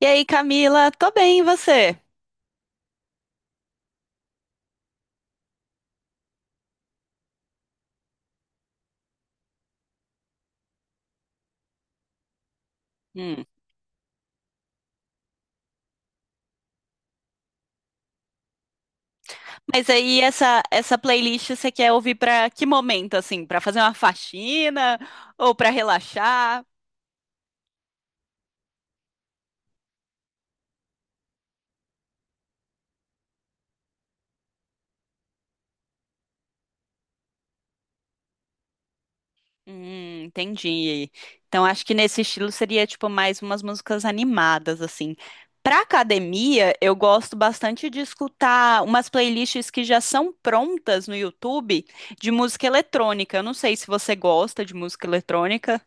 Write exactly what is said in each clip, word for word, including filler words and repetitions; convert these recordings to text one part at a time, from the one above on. E aí, Camila? Tô bem, e você? Hum. Mas aí essa essa playlist você quer ouvir pra que momento assim? Pra fazer uma faxina ou pra relaxar? Hum, entendi. Então acho que nesse estilo seria tipo mais umas músicas animadas assim. Pra academia, eu gosto bastante de escutar umas playlists que já são prontas no YouTube de música eletrônica. Eu não sei se você gosta de música eletrônica.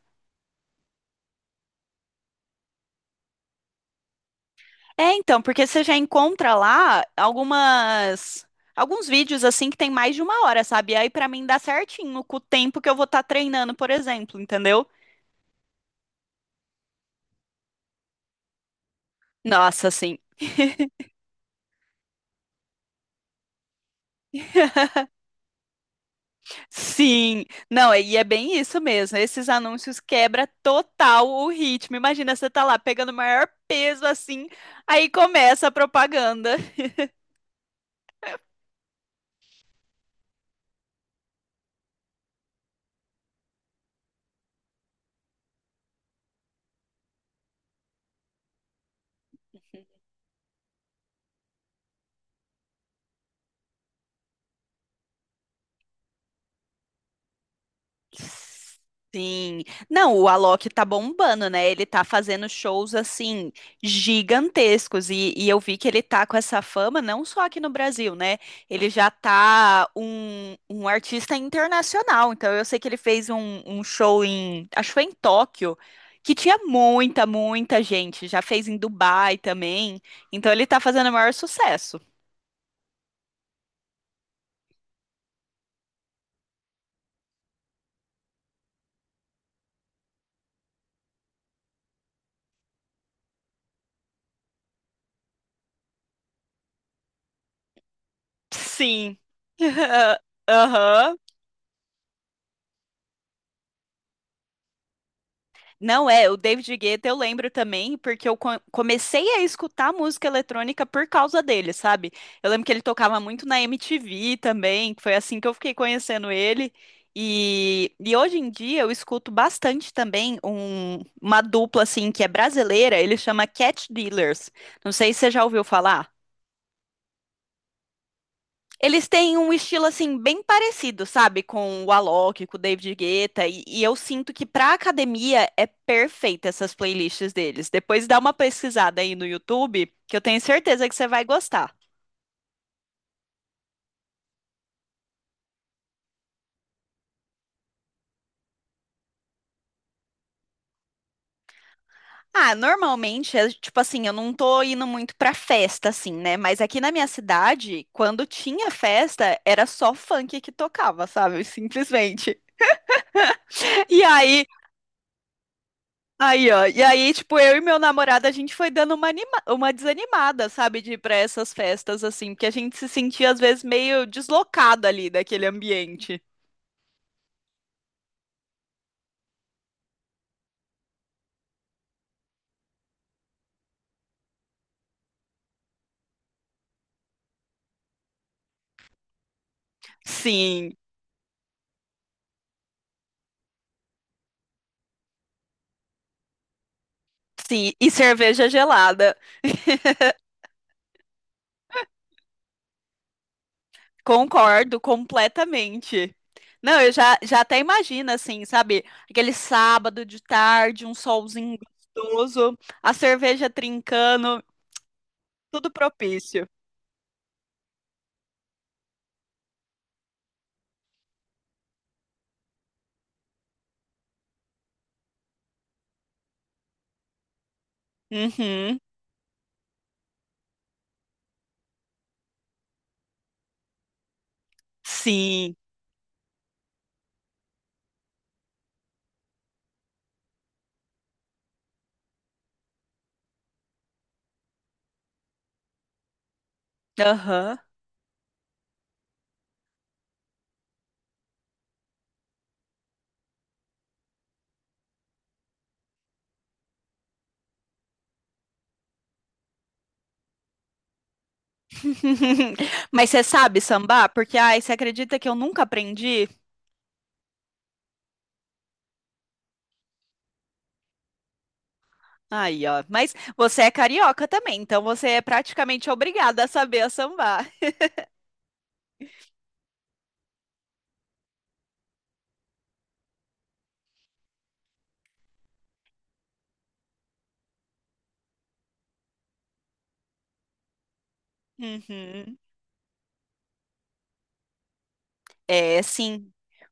É, então, porque você já encontra lá algumas alguns vídeos assim que tem mais de uma hora, sabe? Aí pra mim dá certinho com o tempo que eu vou estar treinando, por exemplo, entendeu? Nossa, sim. Sim. Não, e é bem isso mesmo. Esses anúncios quebra total o ritmo. Imagina você tá lá pegando o maior peso assim, aí começa a propaganda. Sim. Não, o Alok tá bombando, né? Ele tá fazendo shows assim gigantescos e, e eu vi que ele tá com essa fama não só aqui no Brasil, né? Ele já tá um, um artista internacional. Então eu sei que ele fez um, um show em, acho que foi em Tóquio, que tinha muita, muita gente. Já fez em Dubai também. Então ele tá fazendo o maior sucesso. Sim. Aham. Não é, o David Guetta eu lembro também, porque eu co- comecei a escutar música eletrônica por causa dele, sabe? Eu lembro que ele tocava muito na M T V também, que foi assim que eu fiquei conhecendo ele. E, e hoje em dia eu escuto bastante também um- uma dupla assim que é brasileira, ele chama Cat Dealers. Não sei se você já ouviu falar. Eles têm um estilo assim bem parecido, sabe, com o Alok, com o David Guetta, e, e eu sinto que pra academia é perfeita essas playlists deles. Depois dá uma pesquisada aí no YouTube, que eu tenho certeza que você vai gostar. Ah, normalmente, é, tipo assim, eu não tô indo muito pra festa, assim, né? Mas aqui na minha cidade, quando tinha festa, era só funk que tocava, sabe? Simplesmente. E aí, aí, ó. E aí, tipo, eu e meu namorado, a gente foi dando uma, anima- uma desanimada, sabe, de ir pra essas festas, assim, porque a gente se sentia, às vezes, meio deslocado ali daquele ambiente. Sim, sim. E cerveja gelada. Concordo completamente. Não, eu já, já até imagino, assim, sabe, aquele sábado de tarde, um solzinho gostoso, a cerveja trincando, tudo propício. Uhum, sim. Aham. Mas você sabe sambar? Porque, ai, você acredita que eu nunca aprendi? Aí, ó. Mas você é carioca também, então você é praticamente obrigada a saber a sambar. Uhum. É, sim.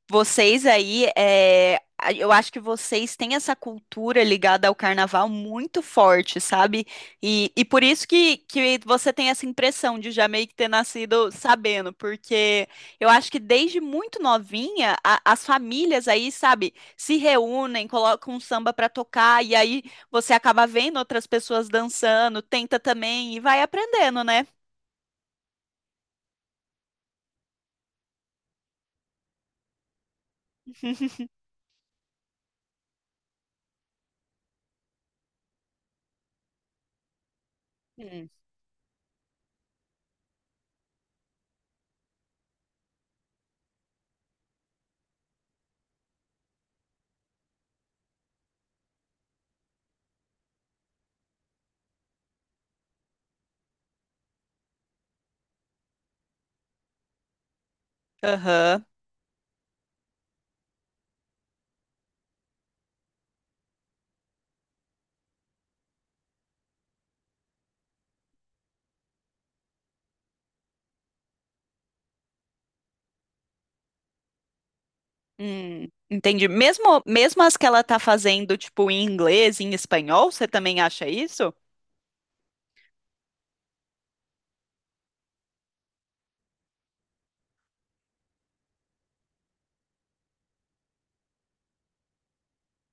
Vocês aí, é, a- eu acho que vocês têm essa cultura ligada ao carnaval muito forte, sabe? E, e por isso que, que você tem essa impressão de já meio que ter nascido sabendo, porque eu acho que desde muito novinha, a- as famílias aí, sabe, se reúnem, colocam um samba pra tocar, e aí você acaba vendo outras pessoas dançando, tenta também e vai aprendendo, né? Hum. Aham. Hum, entendi. Mesmo, mesmo as que ela tá fazendo, tipo, em inglês, em espanhol, você também acha isso?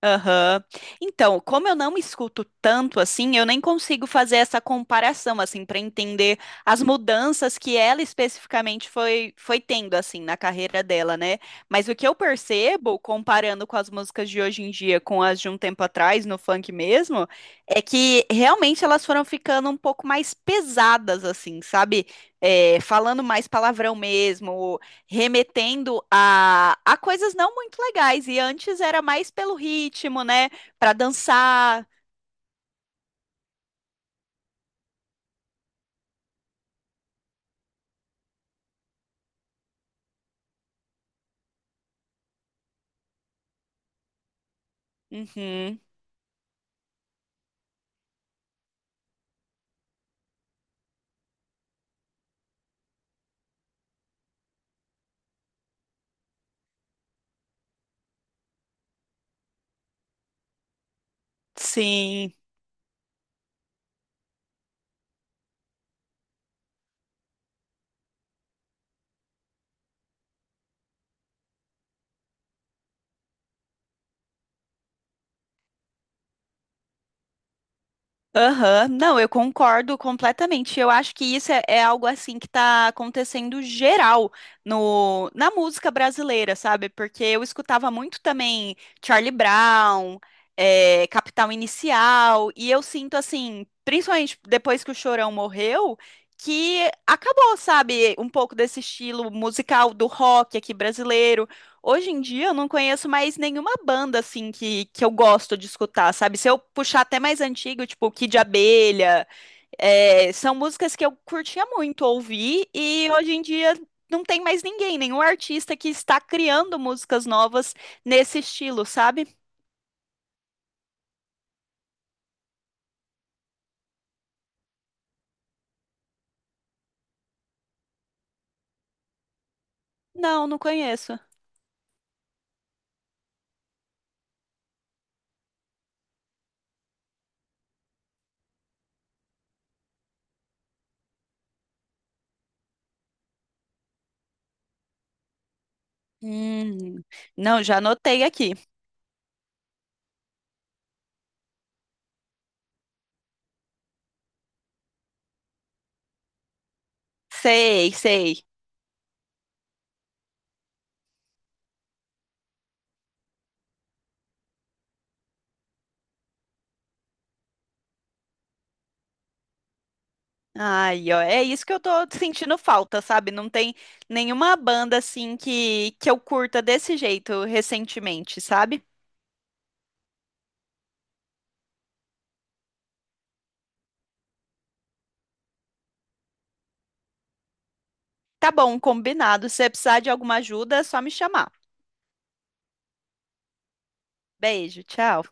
Aham. Então, como eu não escuto tanto assim, eu nem consigo fazer essa comparação assim para entender as mudanças que ela especificamente foi foi tendo assim na carreira dela, né? Mas o que eu percebo comparando com as músicas de hoje em dia com as de um tempo atrás no funk mesmo, é que realmente elas foram ficando um pouco mais pesadas assim, sabe? É, falando mais palavrão mesmo, remetendo a, a coisas não muito legais. E antes era mais pelo ritmo, né? Pra dançar. Uhum, sim. Aham, não, eu concordo completamente. Eu acho que isso é, é algo assim que está acontecendo geral no, na música brasileira, sabe? Porque eu escutava muito também Charlie Brown, eh, Capital Inicial, e eu sinto assim, principalmente depois que o Chorão morreu, que acabou, sabe, um pouco desse estilo musical do rock aqui brasileiro. Hoje em dia eu não conheço mais nenhuma banda assim que, que eu gosto de escutar, sabe? Se eu puxar até mais antigo, tipo Kid Abelha, é, são músicas que eu curtia muito ouvir e hoje em dia não tem mais ninguém, nenhum artista que está criando músicas novas nesse estilo, sabe? Não, não conheço. Hum, não, já anotei aqui. Sei, sei. Ai, ó, é isso que eu tô sentindo falta, sabe? Não tem nenhuma banda assim que, que eu curta desse jeito recentemente, sabe? Tá bom, combinado. Se você precisar de alguma ajuda, é só me chamar. Beijo, tchau.